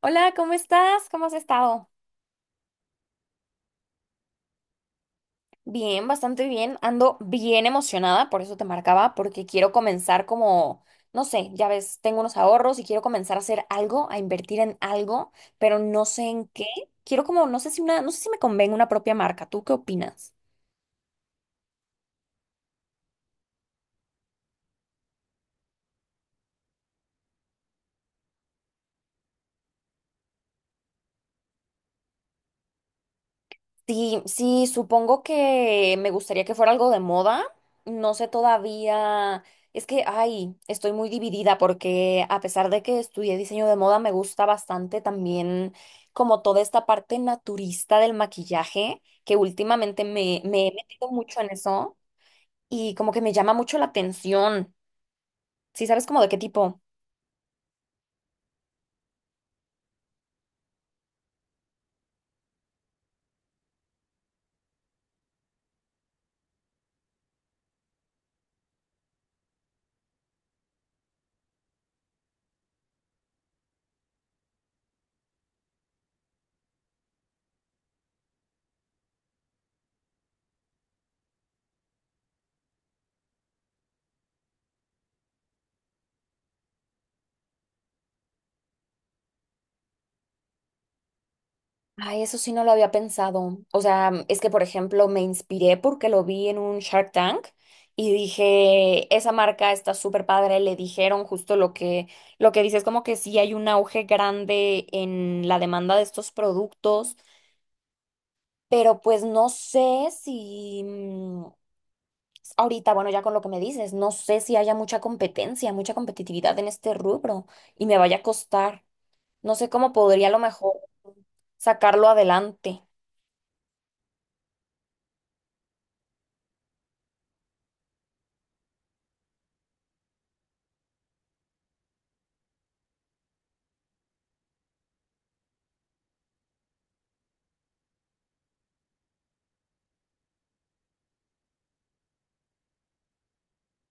Hola, ¿cómo estás? ¿Cómo has estado? Bien, bastante bien. Ando bien emocionada, por eso te marcaba, porque quiero comenzar como, no sé, ya ves, tengo unos ahorros y quiero comenzar a hacer algo, a invertir en algo, pero no sé en qué. Quiero como, no sé si una, no sé si me convenga una propia marca. ¿Tú qué opinas? Sí, sí, supongo que me gustaría que fuera algo de moda. No sé todavía. Es que, ay, estoy muy dividida porque a pesar de que estudié diseño de moda, me gusta bastante también como toda esta parte naturista del maquillaje, que últimamente me he metido mucho en eso y como que me llama mucho la atención. Sí, ¿sabes como de qué tipo? Ay, eso sí no lo había pensado. O sea, es que, por ejemplo, me inspiré porque lo vi en un Shark Tank y dije, esa marca está súper padre. Le dijeron justo lo que dices, como que sí hay un auge grande en la demanda de estos productos, pero pues no sé si ahorita, bueno, ya con lo que me dices, no sé si haya mucha competencia, mucha competitividad en este rubro y me vaya a costar. No sé cómo podría a lo mejor sacarlo adelante.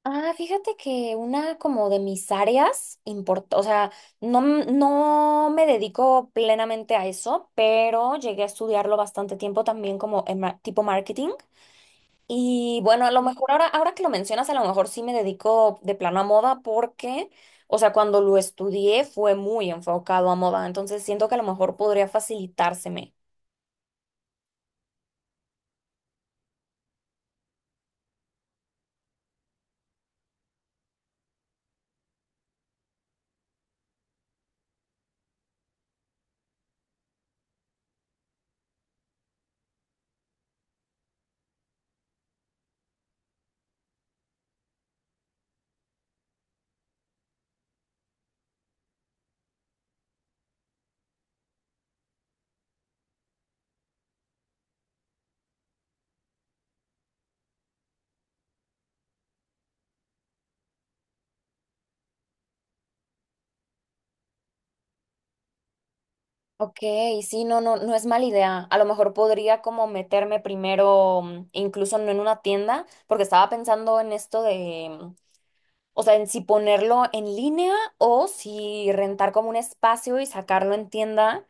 Ah, fíjate que una como de mis áreas importa, o sea, no, no me dedico plenamente a eso, pero llegué a estudiarlo bastante tiempo también como en tipo marketing. Y bueno, a lo mejor ahora que lo mencionas, a lo mejor sí me dedico de plano a moda porque, o sea, cuando lo estudié fue muy enfocado a moda, entonces siento que a lo mejor podría facilitárseme. Ok, sí, no es mala idea. A lo mejor podría como meterme primero, incluso no en una tienda, porque estaba pensando en esto de, o sea, en si ponerlo en línea o si rentar como un espacio y sacarlo en tienda,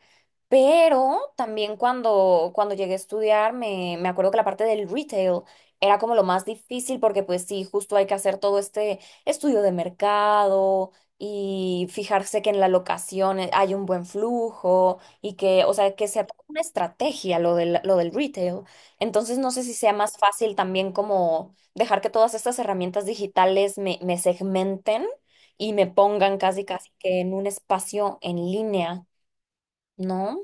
pero también cuando llegué a estudiar, me acuerdo que la parte del retail era como lo más difícil porque pues sí, justo hay que hacer todo este estudio de mercado y fijarse que en la locación hay un buen flujo y que, o sea, que sea toda una estrategia lo del retail. Entonces no sé si sea más fácil también como dejar que todas estas herramientas digitales me segmenten y me pongan casi casi que en un espacio en línea, ¿no?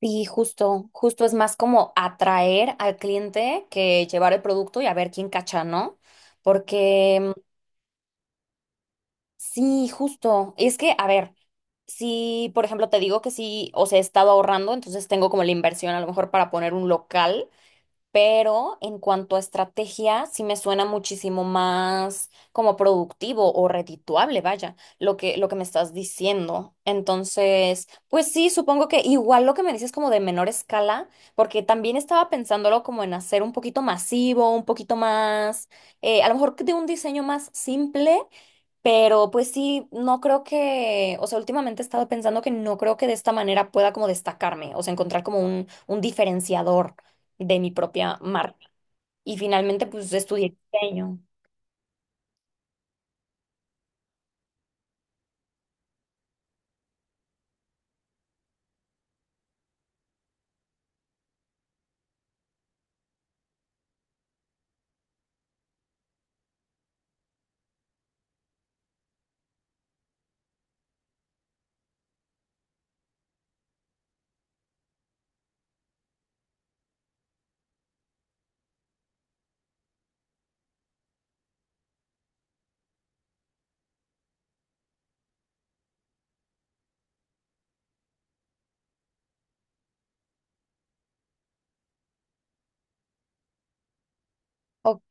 Sí, justo es más como atraer al cliente que llevar el producto y a ver quién cacha, ¿no? Porque sí, justo, es que, a ver, si por ejemplo te digo que sí, o sea, he estado ahorrando, entonces tengo como la inversión a lo mejor para poner un local. Pero en cuanto a estrategia, sí me suena muchísimo más como productivo o redituable, vaya, lo que me estás diciendo. Entonces, pues sí, supongo que igual lo que me dices como de menor escala, porque también estaba pensándolo como en hacer un poquito masivo, un poquito más, a lo mejor de un diseño más simple pero pues sí, no creo que, o sea, últimamente he estado pensando que no creo que de esta manera pueda como destacarme, o sea, encontrar como un diferenciador de mi propia marca. Y finalmente pues estudié diseño. Ok,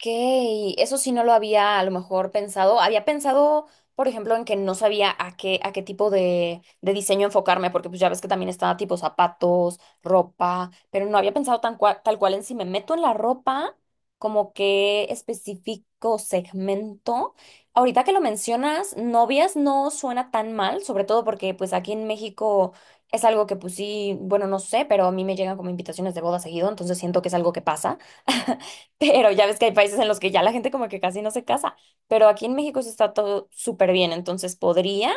eso sí no lo había a lo mejor pensado. Había pensado, por ejemplo, en que no sabía a a qué tipo de diseño enfocarme, porque pues ya ves que también está tipo zapatos, ropa, pero no había pensado tan tal cual en si me meto en la ropa, como qué específico segmento. Ahorita que lo mencionas, novias no suena tan mal, sobre todo porque pues aquí en México es algo que pues sí, bueno, no sé, pero a mí me llegan como invitaciones de boda seguido, entonces siento que es algo que pasa. Pero ya ves que hay países en los que ya la gente como que casi no se casa, pero aquí en México eso está todo súper bien, entonces podría.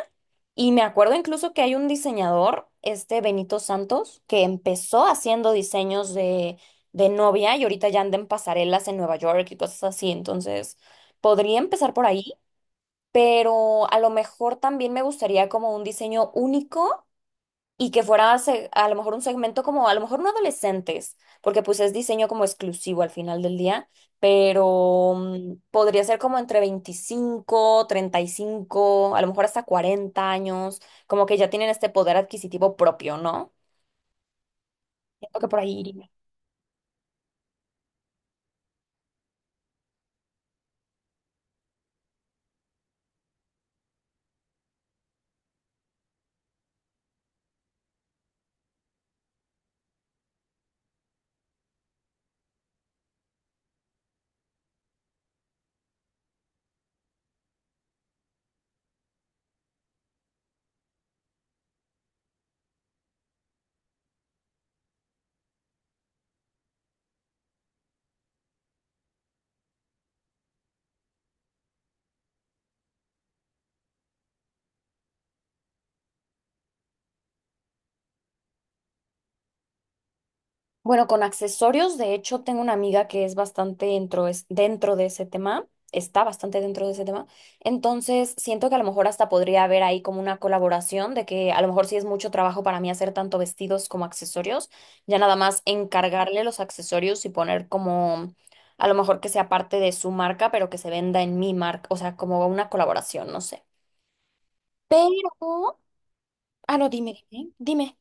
Y me acuerdo incluso que hay un diseñador, este Benito Santos, que empezó haciendo diseños de novia y ahorita ya anda en pasarelas en Nueva York y cosas así, entonces podría empezar por ahí, pero a lo mejor también me gustaría como un diseño único y que fuera a lo mejor un segmento como, a lo mejor no adolescentes, porque pues es diseño como exclusivo al final del día, pero podría ser como entre 25 35 a lo mejor hasta 40 años, como que ya tienen este poder adquisitivo propio, ¿no? Siento que por ahí iría. Bueno, con accesorios, de hecho, tengo una amiga que es bastante dentro, es dentro de ese tema, está bastante dentro de ese tema. Entonces, siento que a lo mejor hasta podría haber ahí como una colaboración de que a lo mejor sí es mucho trabajo para mí hacer tanto vestidos como accesorios, ya nada más encargarle los accesorios y poner como a lo mejor que sea parte de su marca, pero que se venda en mi marca, o sea, como una colaboración, no sé. Pero, ah, no, dime.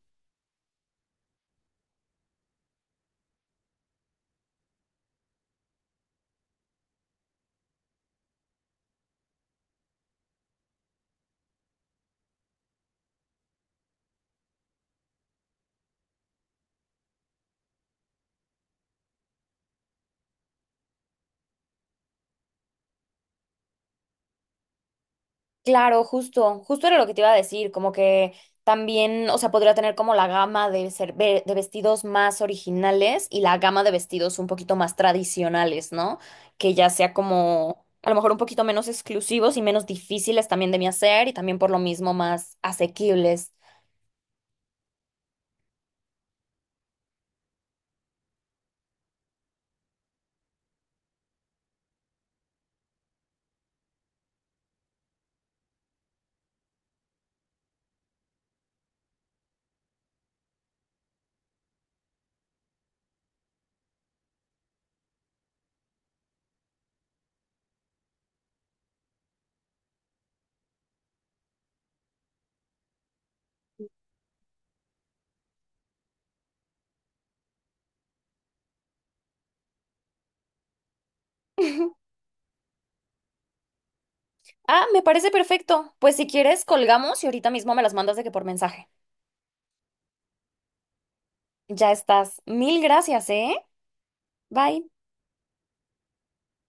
Claro, justo era lo que te iba a decir, como que también, o sea, podría tener como la gama de ser, de vestidos más originales y la gama de vestidos un poquito más tradicionales, ¿no? Que ya sea como a lo mejor un poquito menos exclusivos y menos difíciles también de mi hacer y también por lo mismo más asequibles. Ah, me parece perfecto. Pues si quieres, colgamos y ahorita mismo me las mandas de que por mensaje. Ya estás. Mil gracias, ¿eh? Bye.